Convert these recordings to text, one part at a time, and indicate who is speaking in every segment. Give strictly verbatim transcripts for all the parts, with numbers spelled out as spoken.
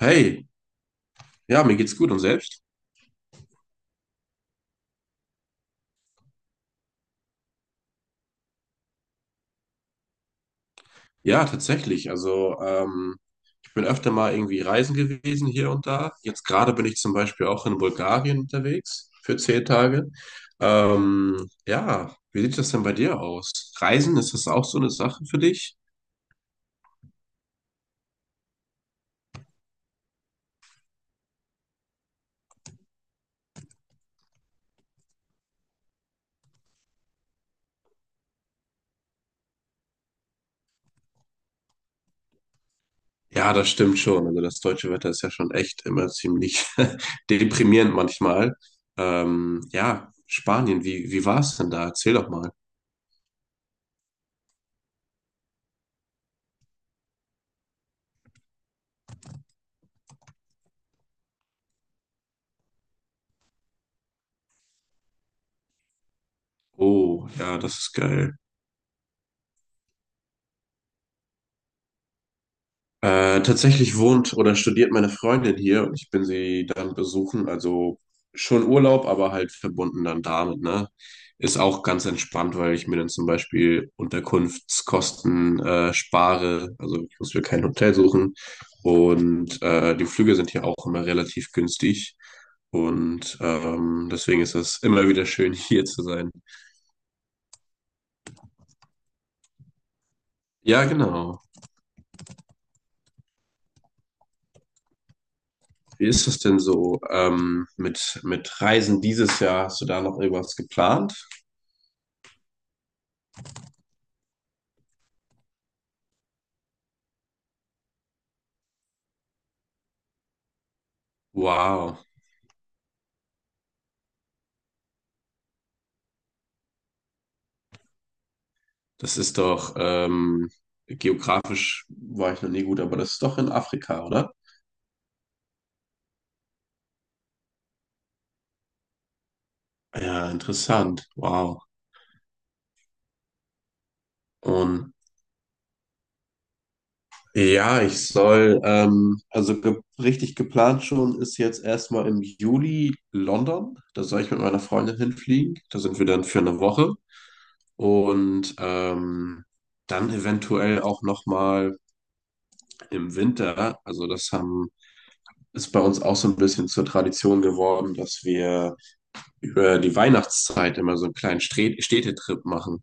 Speaker 1: Hey, ja, mir geht's gut und selbst? Ja, tatsächlich. Also, ähm, ich bin öfter mal irgendwie reisen gewesen hier und da. Jetzt gerade bin ich zum Beispiel auch in Bulgarien unterwegs für zehn Tage. Ähm, ja, wie sieht das denn bei dir aus? Reisen, ist das auch so eine Sache für dich? Ja, das stimmt schon. Also das deutsche Wetter ist ja schon echt immer ziemlich deprimierend manchmal. Ähm, ja, Spanien, wie, wie war's denn da? Erzähl doch mal. Oh, ja, das ist geil. Äh, tatsächlich wohnt oder studiert meine Freundin hier und ich bin sie dann besuchen. Also schon Urlaub, aber halt verbunden dann damit, ne? Ist auch ganz entspannt, weil ich mir dann zum Beispiel Unterkunftskosten äh, spare. Also ich muss mir kein Hotel suchen. Und äh, die Flüge sind hier auch immer relativ günstig. Und ähm, deswegen ist es immer wieder schön, hier zu sein. Ja, genau. Wie ist das denn so ähm, mit, mit Reisen dieses Jahr? Hast du da noch irgendwas geplant? Wow, das ist doch ähm, geografisch war ich noch nie gut, aber das ist doch in Afrika, oder? Ja, interessant. Wow. Und ja, ich soll, ähm, also ge richtig geplant schon ist jetzt erstmal im Juli London. Da soll ich mit meiner Freundin hinfliegen. Da sind wir dann für eine Woche. Und ähm, dann eventuell auch nochmal im Winter. Also das haben, ist bei uns auch so ein bisschen zur Tradition geworden, dass wir über die Weihnachtszeit immer so einen kleinen Stre- Städtetrip machen.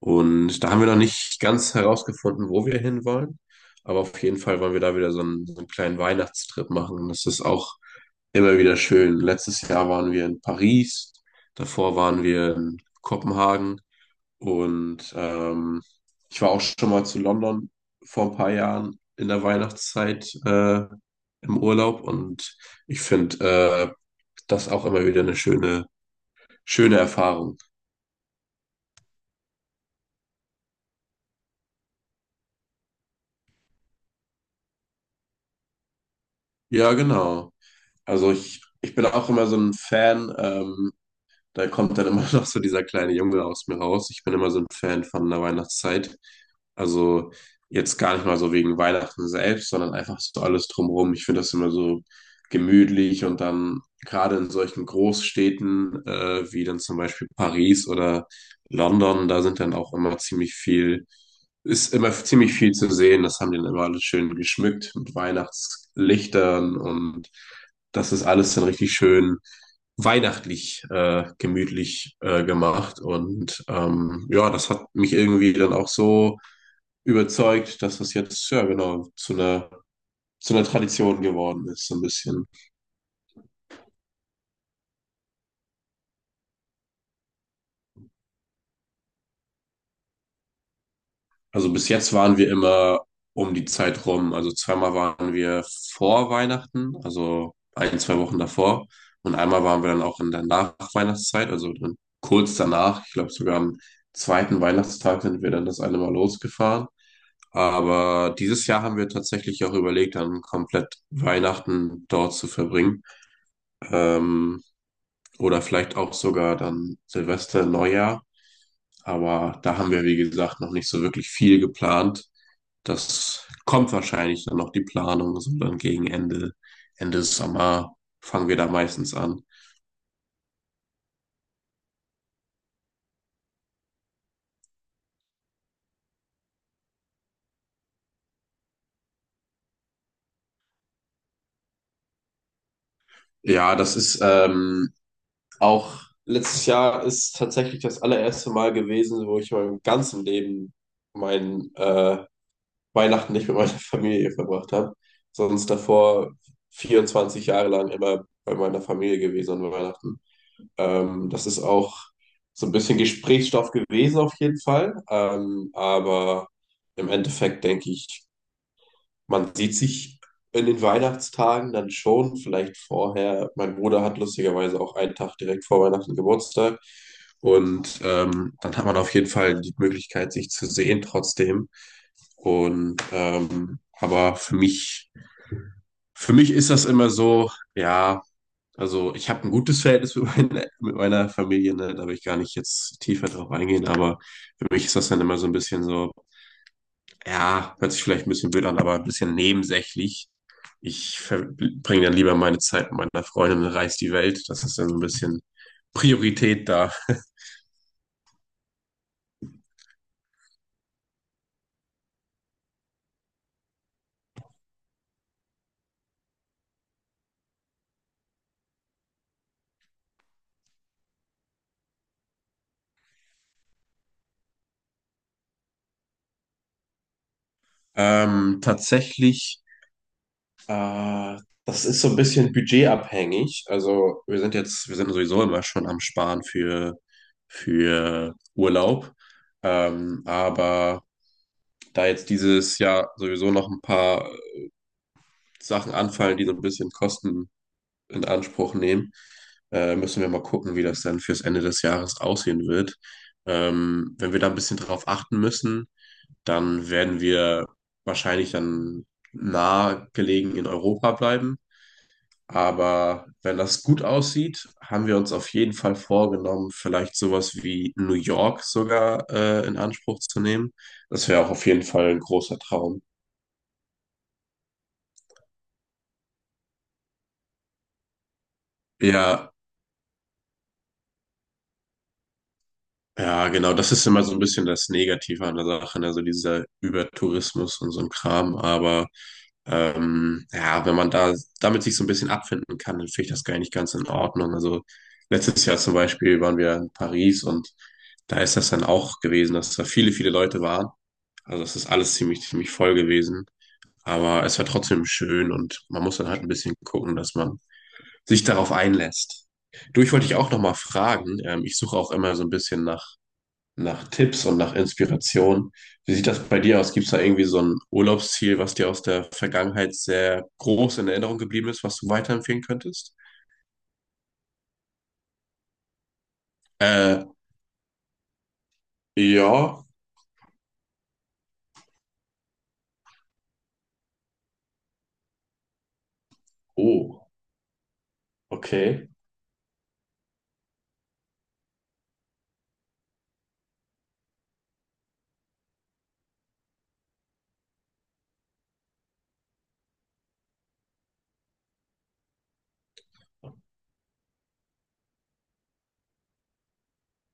Speaker 1: Und da haben wir noch nicht ganz herausgefunden, wo wir hinwollen. Aber auf jeden Fall wollen wir da wieder so einen, so einen kleinen Weihnachtstrip machen. Und Das ist auch immer wieder schön. Letztes Jahr waren wir in Paris, davor waren wir in Kopenhagen und ähm, ich war auch schon mal zu London vor ein paar Jahren in der Weihnachtszeit äh, im Urlaub und ich finde äh, das auch immer wieder eine schöne Schöne Erfahrung. Ja, genau. Also ich, ich bin auch immer so ein Fan. ähm, Da kommt dann immer noch so dieser kleine Junge aus mir raus. Ich bin immer so ein Fan von der Weihnachtszeit. Also jetzt gar nicht mal so wegen Weihnachten selbst, sondern einfach so alles drumherum. Ich finde das immer so gemütlich und dann gerade in solchen Großstädten äh, wie dann zum Beispiel Paris oder London, da sind dann auch immer ziemlich viel, ist immer ziemlich viel zu sehen. Das haben die dann immer alles schön geschmückt mit Weihnachtslichtern und das ist alles dann richtig schön weihnachtlich äh, gemütlich äh, gemacht. Und ähm, ja, das hat mich irgendwie dann auch so überzeugt, dass das jetzt, ja genau, zu einer, zu einer Tradition geworden ist, so ein bisschen. Also bis jetzt waren wir immer um die Zeit rum. Also zweimal waren wir vor Weihnachten, also ein, zwei Wochen davor. Und einmal waren wir dann auch in der Nachweihnachtszeit, also dann kurz danach, ich glaube sogar am zweiten Weihnachtstag sind wir dann das eine Mal losgefahren. Aber dieses Jahr haben wir tatsächlich auch überlegt, dann komplett Weihnachten dort zu verbringen. Ähm, oder vielleicht auch sogar dann Silvester, Neujahr. Aber da haben wir, wie gesagt, noch nicht so wirklich viel geplant. Das kommt wahrscheinlich dann noch die Planung, sondern gegen Ende, Ende Sommer fangen wir da meistens an. Ja, das ist ähm, auch letztes Jahr ist tatsächlich das allererste Mal gewesen, wo ich in meinem ganzen Leben mein äh, Weihnachten nicht mit meiner Familie verbracht habe, sonst davor vierundzwanzig Jahre lang immer bei meiner Familie gewesen an Weihnachten. Ähm, das ist auch so ein bisschen Gesprächsstoff gewesen auf jeden Fall, ähm, aber im Endeffekt denke ich, man sieht sich in den Weihnachtstagen dann schon, vielleicht vorher. Mein Bruder hat lustigerweise auch einen Tag direkt vor Weihnachten Geburtstag. Und ähm, dann hat man auf jeden Fall die Möglichkeit, sich zu sehen trotzdem. Und ähm, aber für mich, für mich ist das immer so, ja, also ich habe ein gutes Verhältnis mit, meiner- mit meiner Familie, ne? Da will ich gar nicht jetzt tiefer drauf eingehen, aber für mich ist das dann immer so ein bisschen so ja, hört sich vielleicht ein bisschen blöd an, aber ein bisschen nebensächlich. Ich verbringe dann lieber meine Zeit mit meiner Freundin und reise die Welt. Das ist dann so ein bisschen Priorität da. Ähm, tatsächlich, äh, das ist so ein bisschen budgetabhängig. Also wir sind jetzt, wir sind sowieso immer schon am Sparen für, für Urlaub. Ähm, aber da jetzt dieses Jahr sowieso noch ein paar Sachen anfallen, die so ein bisschen Kosten in Anspruch nehmen. Äh, müssen wir mal gucken, wie das dann fürs Ende des Jahres aussehen wird. Ähm, wenn wir da ein bisschen drauf achten müssen, dann werden wir wahrscheinlich dann nah gelegen in Europa bleiben. Aber wenn das gut aussieht, haben wir uns auf jeden Fall vorgenommen, vielleicht sowas wie New York sogar äh, in Anspruch zu nehmen. Das wäre auch auf jeden Fall ein großer Traum. Ja, Ja, genau, das ist immer so ein bisschen das Negative an der Sache, ne? Also dieser Übertourismus und so ein Kram. Aber ähm, ja, wenn man da damit sich so ein bisschen abfinden kann, dann finde ich das gar nicht ganz in Ordnung. Also letztes Jahr zum Beispiel waren wir in Paris und da ist das dann auch gewesen, dass da viele, viele Leute waren. Also das ist alles ziemlich, ziemlich voll gewesen. Aber es war trotzdem schön und man muss dann halt ein bisschen gucken, dass man sich darauf einlässt. Du, ich wollte dich auch nochmal fragen. Ähm, ich suche auch immer so ein bisschen nach nach Tipps und nach Inspiration. Wie sieht das bei dir aus? Gibt es da irgendwie so ein Urlaubsziel, was dir aus der Vergangenheit sehr groß in Erinnerung geblieben ist, was du weiterempfehlen könntest? Äh, ja. Oh, okay.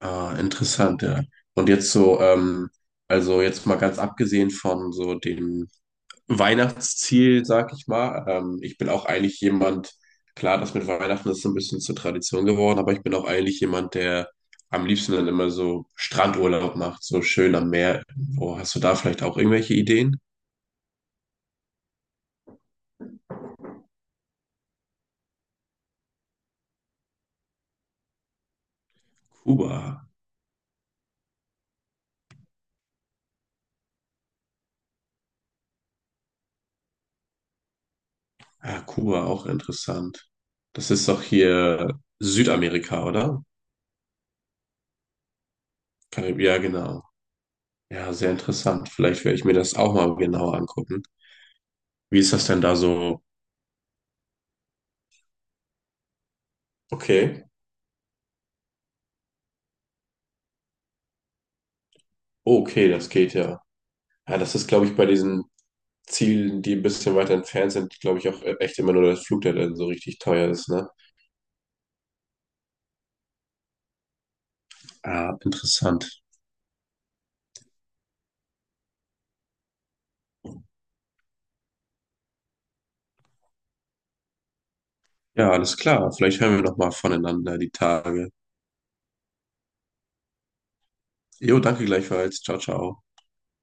Speaker 1: Ah, interessant, ja. Und jetzt so, ähm, also jetzt mal ganz abgesehen von so den Weihnachtsziel, sag ich mal. Ähm, ich bin auch eigentlich jemand, klar, das mit Weihnachten ist so ein bisschen zur Tradition geworden, aber ich bin auch eigentlich jemand, der am liebsten dann immer so Strandurlaub macht, so schön am Meer. Wo hast du da vielleicht auch irgendwelche Ideen? Kuba. Ja, Kuba, auch interessant. Das ist doch hier Südamerika, oder? Karib- Ja, genau. Ja, sehr interessant. Vielleicht werde ich mir das auch mal genauer angucken. Wie ist das denn da so? Okay. Oh, okay, das geht ja. Ja, das ist, glaube ich, bei diesen Zielen, die ein bisschen weiter entfernt sind, glaube ich auch echt immer nur das Flug, der dann so richtig teuer ist, ne? Ah, interessant. Ja, alles klar. Vielleicht hören wir noch mal voneinander die Tage. Jo, danke gleichfalls. Ciao, ciao.